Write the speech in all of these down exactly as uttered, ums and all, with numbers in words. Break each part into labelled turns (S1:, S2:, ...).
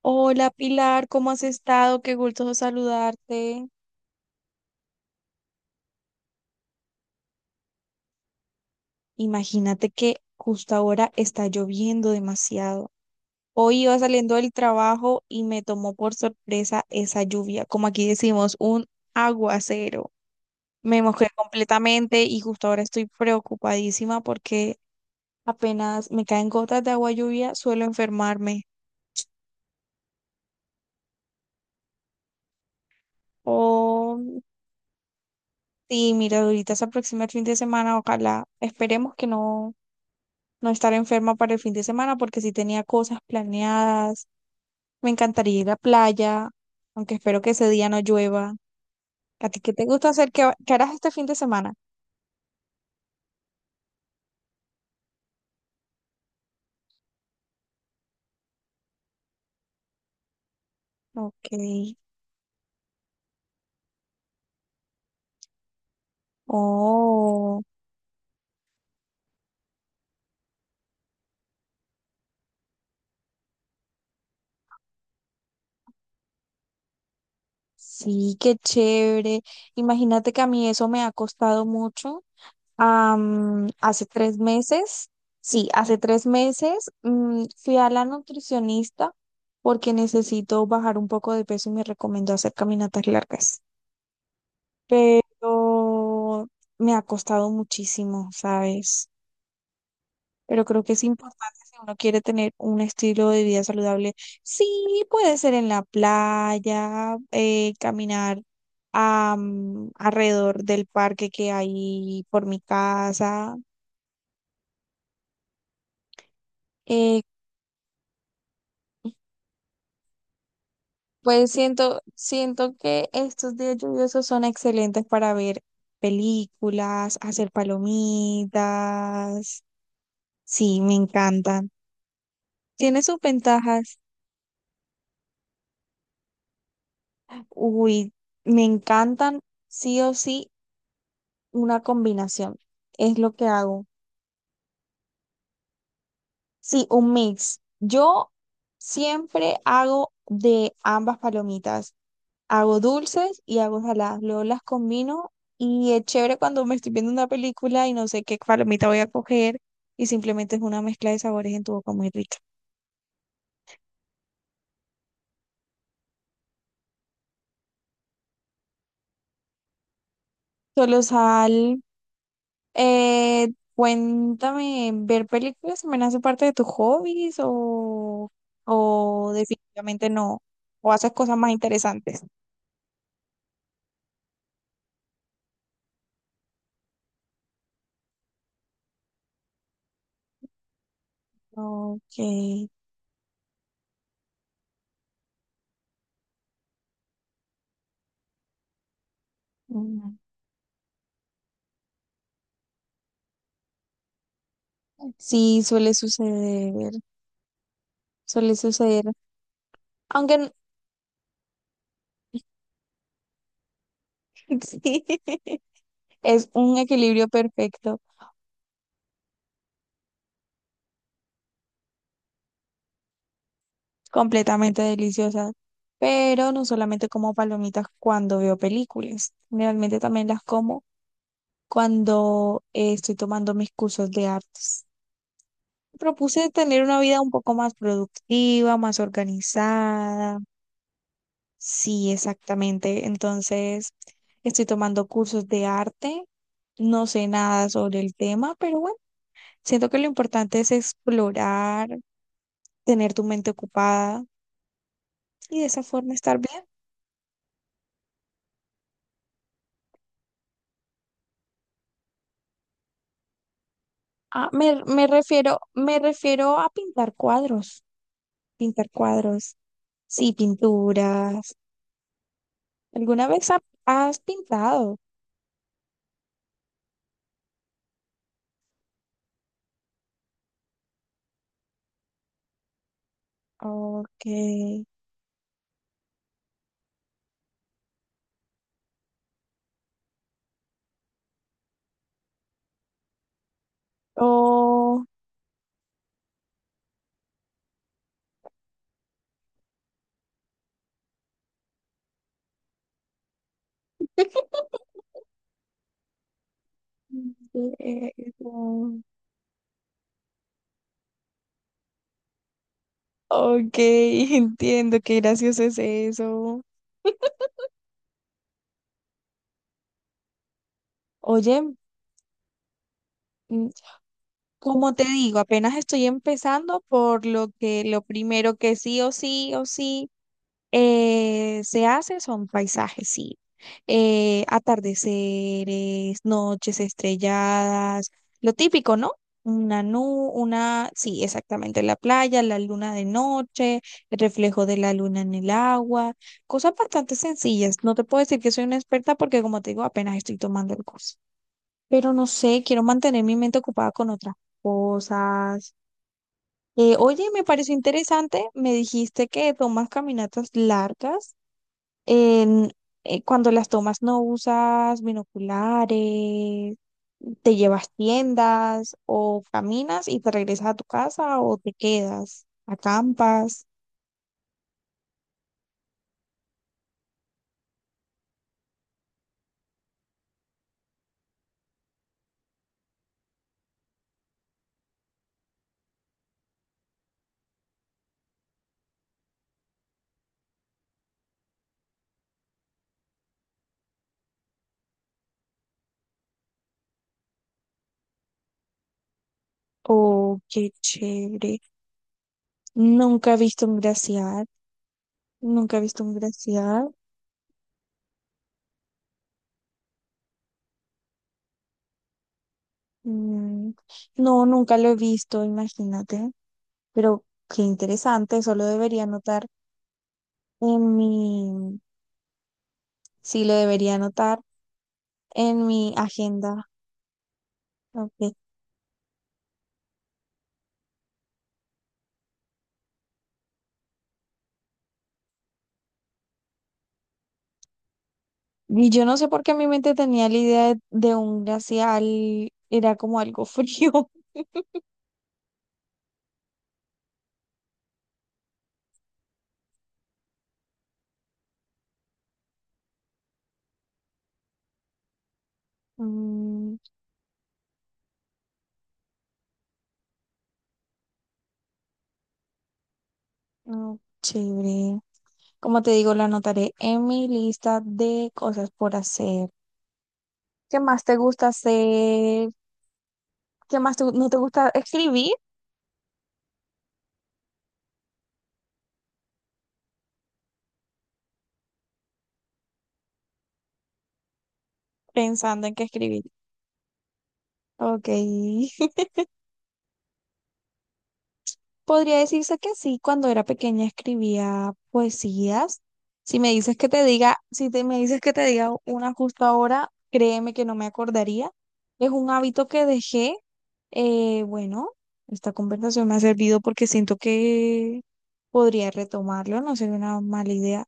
S1: Hola Pilar, ¿cómo has estado? Qué gusto saludarte. Imagínate que justo ahora está lloviendo demasiado. Hoy iba saliendo del trabajo y me tomó por sorpresa esa lluvia, como aquí decimos, un aguacero. Me mojé completamente y justo ahora estoy preocupadísima porque apenas me caen gotas de agua lluvia, suelo enfermarme. Oh, sí, mira, ahorita se aproxima el fin de semana, ojalá, esperemos que no no estar enferma para el fin de semana porque sí tenía cosas planeadas. Me encantaría ir a playa, aunque espero que ese día no llueva. ¿A ti qué te gusta hacer? ¿Qué, qué harás este fin de semana? Ok. Oh, sí, qué chévere. Imagínate que a mí eso me ha costado mucho. Am, hace tres meses, sí, hace tres meses mm, fui a la nutricionista porque necesito bajar un poco de peso y me recomendó hacer caminatas largas. Pero me ha costado muchísimo, ¿sabes? Pero creo que es importante si uno quiere tener un estilo de vida saludable. Sí, puede ser en la playa, eh, caminar a, mm, alrededor del parque que hay por mi casa. Eh, pues siento, siento que estos días lluviosos son excelentes para ver películas, hacer palomitas. Sí, me encantan. Tiene sus ventajas. Uy, me encantan sí o sí una combinación. Es lo que hago. Sí, un mix. Yo siempre hago de ambas palomitas. Hago dulces y hago saladas. Luego las combino y es chévere cuando me estoy viendo una película y no sé qué palomita voy a coger y simplemente es una mezcla de sabores en tu boca muy rica. Solo sal. Eh, Cuéntame, ¿ver películas también hace parte de tus hobbies o, o definitivamente no? ¿O haces cosas más interesantes? Ok. Mm, sí, suele suceder, suele suceder. Aunque n- sí, es un equilibrio perfecto, completamente deliciosa. Pero no solamente como palomitas cuando veo películas, generalmente también las como cuando eh, estoy tomando mis cursos de artes. Propuse tener una vida un poco más productiva, más organizada. Sí, exactamente. Entonces, estoy tomando cursos de arte. No sé nada sobre el tema, pero bueno, siento que lo importante es explorar, tener tu mente ocupada y de esa forma estar bien. Ah, me, me refiero, me refiero a pintar cuadros, pintar cuadros. Sí, pinturas. ¿Alguna vez ha- ¿Has pintado? Ok. O entiendo. Ok, entiendo, qué gracioso es eso. Oye, mm, como te digo, apenas estoy empezando, por lo que lo primero que sí o sí o sí. Eh, se hace son paisajes, sí. Eh, atardeceres, noches estrelladas, lo típico, ¿no? Una nube, una, sí, exactamente, la playa, la luna de noche, el reflejo de la luna en el agua, cosas bastante sencillas. No te puedo decir que soy una experta porque, como te digo, apenas estoy tomando el curso. Pero no sé, quiero mantener mi mente ocupada con otras cosas. Eh, oye, me pareció interesante, me dijiste que tomas caminatas largas en- eh, cuando las tomas no usas binoculares, te llevas tiendas o caminas y te regresas a tu casa o te quedas, acampas. Oh, qué chévere. Nunca he visto un glaciar, nunca he visto un glaciar. Mm, no, nunca lo he visto, imagínate. Pero qué interesante, eso lo debería anotar en mi, sí, lo debería anotar en mi agenda. Ok. Y yo no sé por qué en mi mente tenía la idea de, de un glacial, era como algo frío. Mm, no, chévere. Como te digo, lo anotaré en mi lista de cosas por hacer. ¿Qué más te gusta hacer? ¿Qué más te- ¿no te gusta escribir? Pensando en qué escribir. Ok. Podría decirse que sí, cuando era pequeña escribía poesías. Si me dices que te diga, si te, me dices que te diga una justo ahora, créeme que no me acordaría. Es un hábito que dejé. Eh, bueno, esta conversación me ha servido porque siento que podría retomarlo, no sería una mala idea,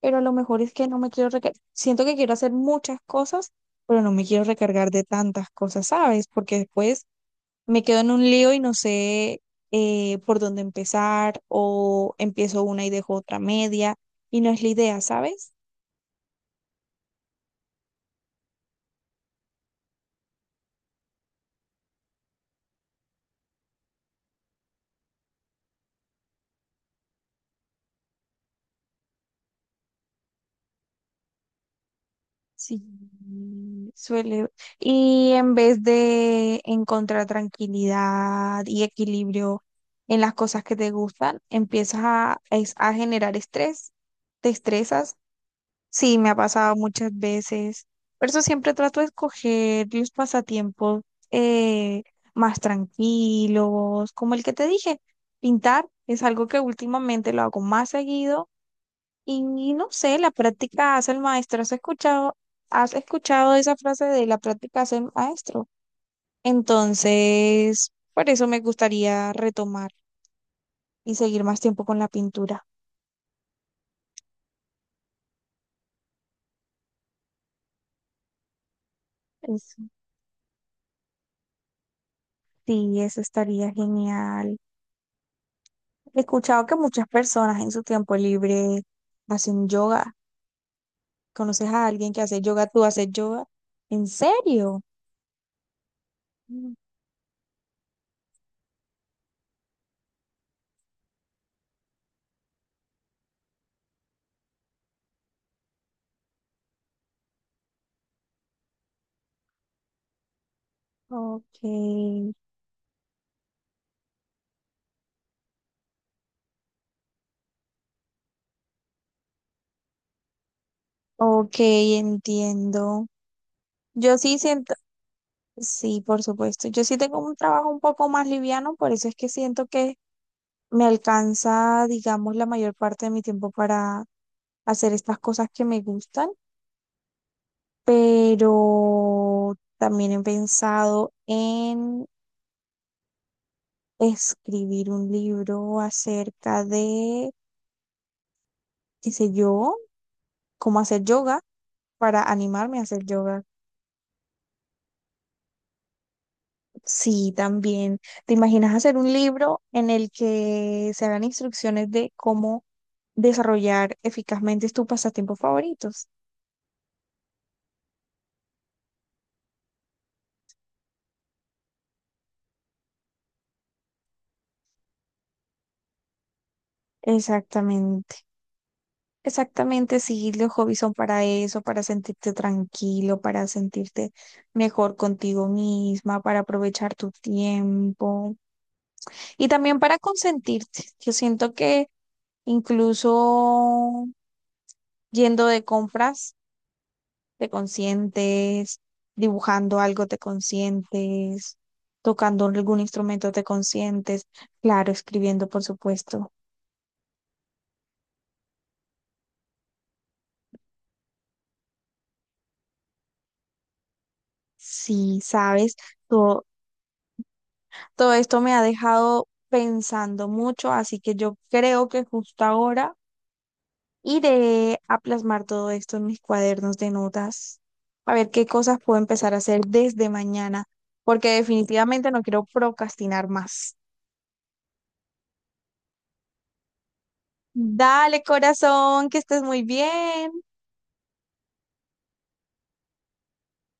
S1: pero a lo mejor es que no me quiero recargar. Siento que quiero hacer muchas cosas, pero no me quiero recargar de tantas cosas, ¿sabes? Porque después me quedo en un lío y no sé eh, por dónde empezar o empiezo una y dejo otra media y no es la idea, ¿sabes? Sí, suele. Y en vez de encontrar tranquilidad y equilibrio en las cosas que te gustan, empiezas a, es- a generar estrés, te estresas. Sí, me ha pasado muchas veces. Por eso siempre trato de escoger los pasatiempos eh, más tranquilos, como el que te dije. Pintar es algo que últimamente lo hago más seguido y no sé, la práctica hace el maestro. ¿Has escuchado, ¿has escuchado esa frase de la práctica hace el maestro? Entonces, por eso me gustaría retomar y seguir más tiempo con la pintura. Eso, sí, eso estaría genial. He escuchado que muchas personas en su tiempo libre hacen yoga. ¿Conoces a alguien que hace yoga? ¿Tú haces yoga? ¿En serio? Mm, ok, ok, entiendo. Yo sí siento, sí, por supuesto. Yo sí tengo un trabajo un poco más liviano, por eso es que siento que me alcanza, digamos, la mayor parte de mi tiempo para hacer estas cosas que me gustan, pero también he pensado escribir un libro acerca de, qué sé yo, cómo hacer yoga para animarme a hacer yoga. Sí, también. ¿Te imaginas hacer un libro en el que se hagan instrucciones de cómo desarrollar eficazmente tus pasatiempos favoritos? Exactamente, exactamente, sí, los hobbies son para eso, para sentirte tranquilo, para sentirte mejor contigo misma, para aprovechar tu tiempo. Y también para consentirte. Yo siento que incluso yendo de compras, te consientes, dibujando algo, te consientes, tocando algún instrumento, te consientes, claro, escribiendo, por supuesto. Sí, sabes, todo, todo esto me ha dejado pensando mucho, así que yo creo que justo ahora iré a plasmar todo esto en mis cuadernos de notas, a ver qué cosas puedo empezar a hacer desde mañana, porque definitivamente no quiero procrastinar más. Dale, corazón, que estés muy bien.